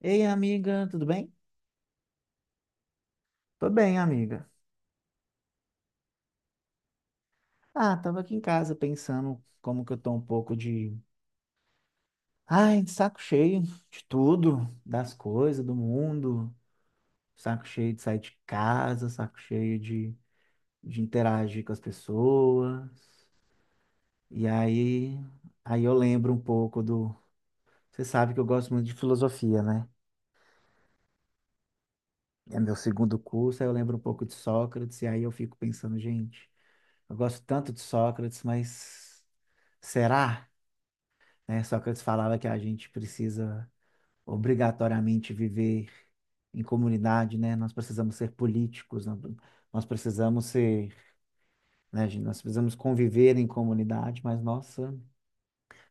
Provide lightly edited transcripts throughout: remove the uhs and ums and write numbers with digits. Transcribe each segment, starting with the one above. Ei, amiga, tudo bem? Tô bem, amiga. Ah, tava aqui em casa pensando como que eu tô um pouco de, ai, de saco cheio de tudo, das coisas, do mundo, saco cheio de sair de casa, saco cheio de interagir com as pessoas. E aí, aí eu lembro um pouco do, você sabe que eu gosto muito de filosofia, né? É meu segundo curso, aí eu lembro um pouco de Sócrates e aí eu fico pensando, gente, eu gosto tanto de Sócrates, mas será? Né? Sócrates falava que a gente precisa obrigatoriamente viver em comunidade, né? Nós precisamos ser políticos, nós precisamos ser, né, gente? Nós precisamos conviver em comunidade, mas nossa,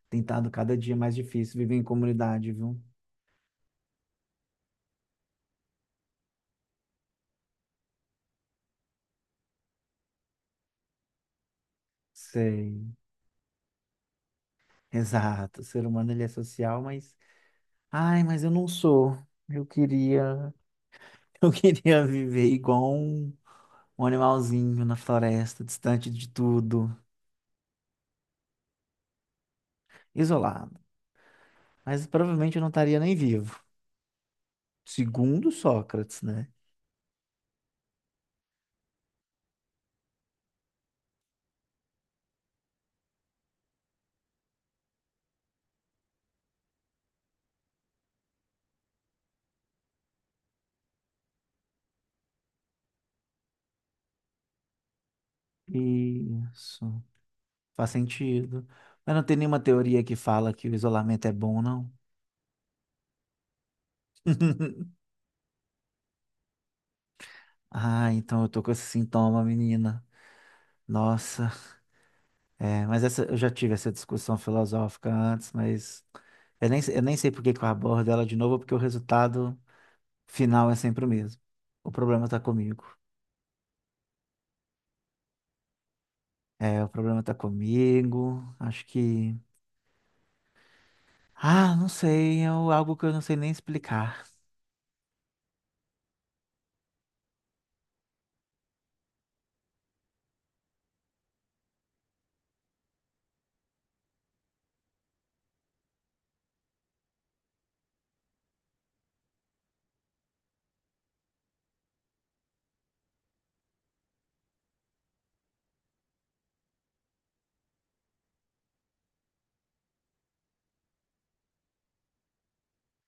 tem estado cada dia mais difícil viver em comunidade, viu? Sei, exato. O ser humano ele é social, mas ai, mas eu não sou. Eu queria, eu queria viver igual um, um animalzinho na floresta, distante de tudo, isolado. Mas provavelmente eu não estaria nem vivo. Segundo Sócrates, né? Isso. Faz sentido. Mas não tem nenhuma teoria que fala que o isolamento é bom, não? Ah, então eu tô com esse sintoma, menina. Nossa. É, mas essa, eu já tive essa discussão filosófica antes, mas eu nem sei por que que eu abordo ela de novo, porque o resultado final é sempre o mesmo. O problema tá comigo. É, o problema tá comigo. Acho que. Ah, não sei. É algo que eu não sei nem explicar.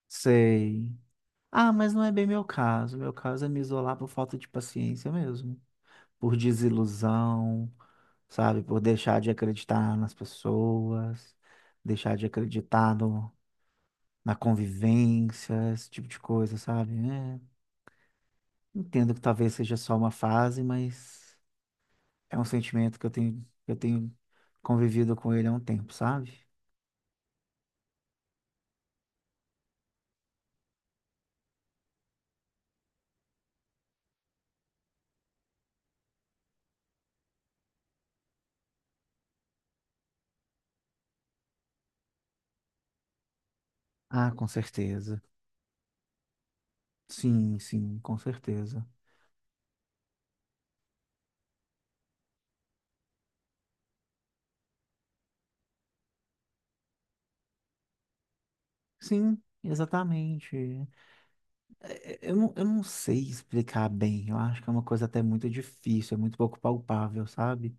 Sei. Ah, mas não é bem meu caso. Meu caso é me isolar por falta de paciência mesmo. Por desilusão, sabe? Por deixar de acreditar nas pessoas, deixar de acreditar no, na convivência, esse tipo de coisa, sabe? É, entendo que talvez seja só uma fase, mas é um sentimento que eu tenho convivido com ele há um tempo, sabe? Ah, com certeza. Sim, sim, com certeza. Sim, exatamente. É, é, eu não sei explicar bem. Eu acho que é uma coisa até muito difícil, é muito pouco palpável, sabe?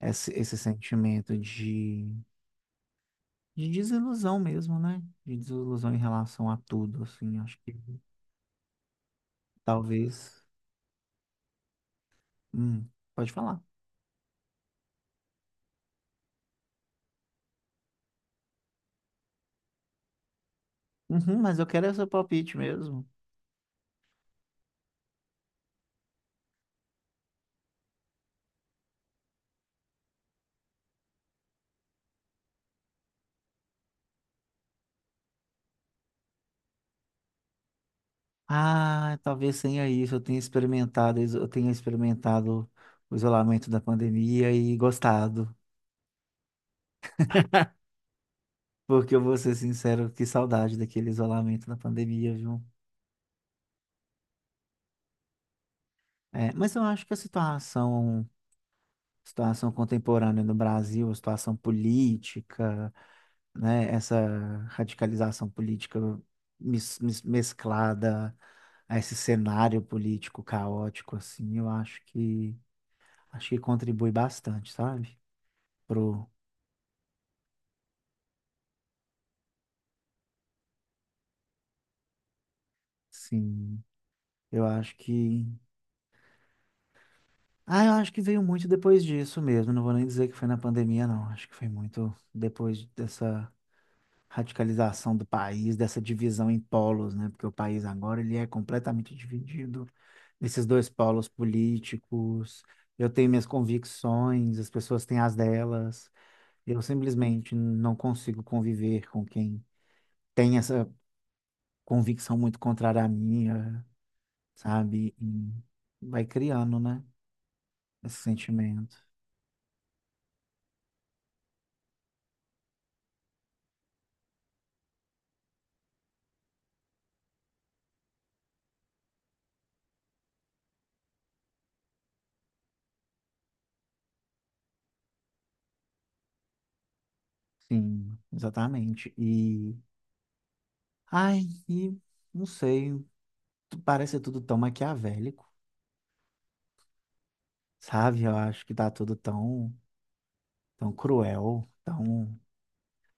Esse sentimento de desilusão mesmo, né? De desilusão em relação a tudo, assim. Acho que talvez. Hum, pode falar. Uhum, mas eu quero é seu palpite mesmo. Ah, talvez tenha isso. Eu tenha experimentado, eu tenha experimentado o isolamento da pandemia e gostado. Porque eu vou ser sincero, que saudade daquele isolamento da pandemia, viu? É, mas eu acho que a situação, situação contemporânea no Brasil, a situação política, né, essa radicalização política mesclada a esse cenário político caótico, assim, eu acho que contribui bastante, sabe? Pro, sim, eu acho que, ah, eu acho que veio muito depois disso mesmo. Não vou nem dizer que foi na pandemia, não. Acho que foi muito depois dessa radicalização do país, dessa divisão em polos, né? Porque o país agora ele é completamente dividido nesses dois polos políticos. Eu tenho minhas convicções, as pessoas têm as delas. Eu simplesmente não consigo conviver com quem tem essa convicção muito contrária à minha, sabe? E vai criando, né? Esse sentimento. Sim, exatamente. Ai, e não sei, parece tudo tão maquiavélico. Sabe? Eu acho que tá tudo tão, tão cruel, tão,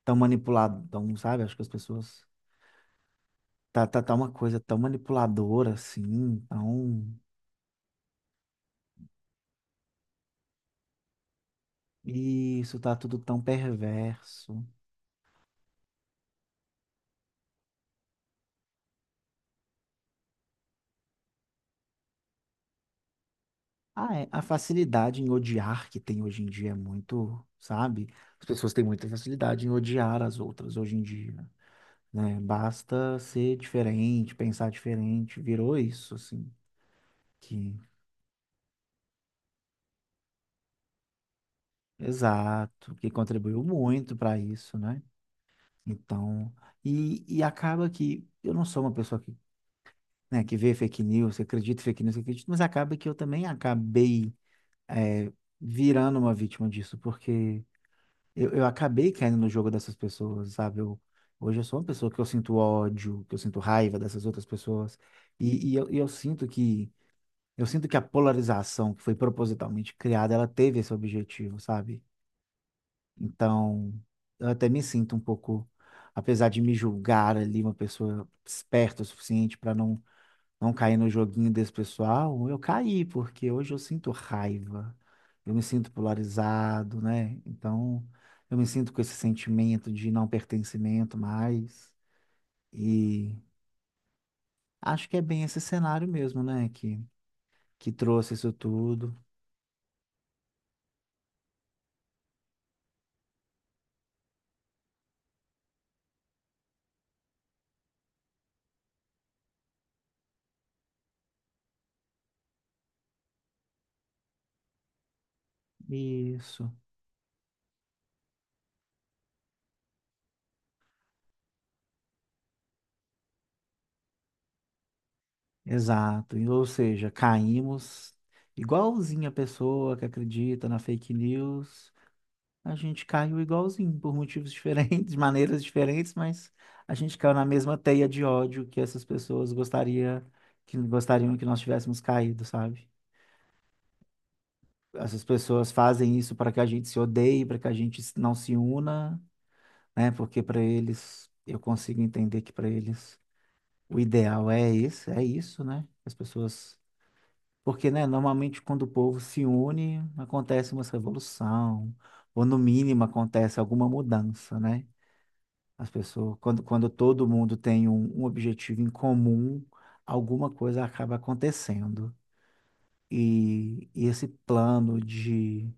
tão manipulado, tão, sabe? Acho que as pessoas. Tá uma coisa tão manipuladora assim, tão. Isso, tá tudo tão perverso. Ah, é, a facilidade em odiar que tem hoje em dia é muito, sabe? As pessoas têm muita facilidade em odiar as outras hoje em dia, né? Basta ser diferente, pensar diferente, virou isso, assim, que, exato, que contribuiu muito para isso, né? Então, e acaba que eu não sou uma pessoa que, né, que vê fake news, que acredita em fake news, que acredita, mas acaba que eu também acabei é, virando uma vítima disso, porque eu acabei caindo no jogo dessas pessoas, sabe? Eu, hoje eu sou uma pessoa que eu sinto ódio, que eu sinto raiva dessas outras pessoas, e, e eu sinto que eu sinto que a polarização que foi propositalmente criada, ela teve esse objetivo, sabe? Então, eu até me sinto um pouco, apesar de me julgar ali uma pessoa esperta o suficiente para não, não cair no joguinho desse pessoal, eu caí, porque hoje eu sinto raiva, eu me sinto polarizado, né? Então, eu me sinto com esse sentimento de não pertencimento mais. E acho que é bem esse cenário mesmo, né? Que trouxe isso tudo. Isso. Exato. E, ou seja, caímos igualzinho a pessoa que acredita na fake news. A gente caiu igualzinho, por motivos diferentes, maneiras diferentes, mas a gente caiu na mesma teia de ódio que essas pessoas gostaria, que gostariam que nós tivéssemos caído, sabe? Essas pessoas fazem isso para que a gente se odeie, para que a gente não se una, né? Porque para eles, eu consigo entender que para eles o ideal é esse, é isso, né? As pessoas porque, né, normalmente quando o povo se une, acontece uma revolução, ou no mínimo acontece alguma mudança, né? As pessoas, quando, quando todo mundo tem um, um objetivo em comum, alguma coisa acaba acontecendo. E esse plano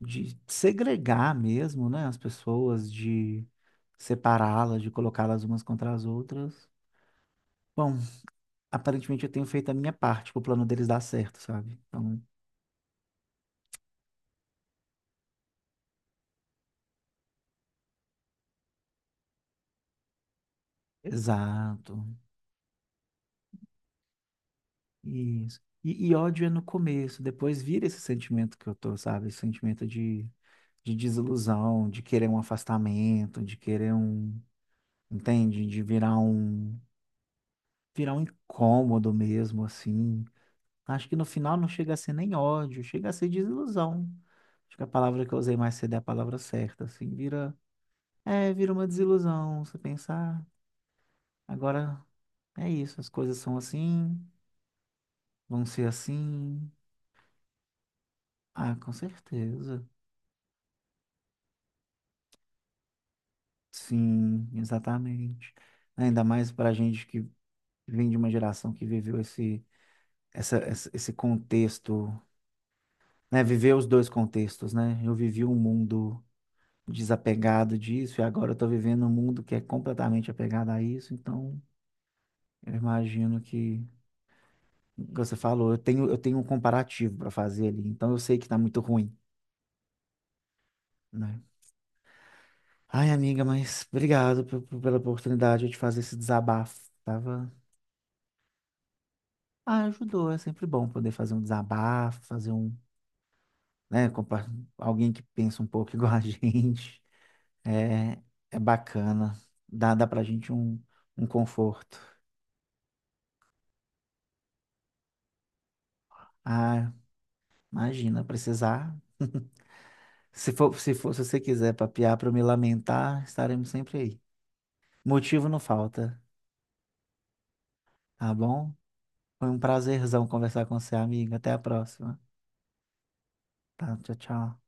de segregar mesmo, né, as pessoas, de separá-las, de colocá-las umas contra as outras. Bom, aparentemente eu tenho feito a minha parte para o plano deles dar certo, sabe? Então, exato. Isso. E ódio é no começo, depois vira esse sentimento que eu tô, sabe? Esse sentimento de desilusão, de querer um afastamento, de querer um, entende? De virar um incômodo mesmo, assim. Acho que no final não chega a ser nem ódio, chega a ser desilusão. Acho que a palavra que eu usei mais cedo é a palavra certa, assim, vira, é, vira uma desilusão, você pensar, agora é isso, as coisas são assim, vão ser assim. Ah, com certeza. Sim, exatamente. Ainda mais para a gente que vem de uma geração que viveu esse, essa, esse contexto, né? Viveu os dois contextos, né? Eu vivi um mundo desapegado disso e agora eu estou vivendo um mundo que é completamente apegado a isso. Então, eu imagino que, como você falou, eu tenho um comparativo para fazer ali. Então, eu sei que está muito ruim, né? Ai, amiga, mas obrigado pela oportunidade de fazer esse desabafo. Tava Ah, ajudou. É sempre bom poder fazer um desabafo, fazer um, né, alguém que pensa um pouco igual a gente. É, é bacana. Dá pra gente um, um conforto. Ah, imagina, precisar. Se for, se você quiser papear para eu me lamentar, estaremos sempre aí. Motivo não falta, tá bom? Foi um prazerzão conversar com você, amiga. Até a próxima. Tá, tchau, tchau.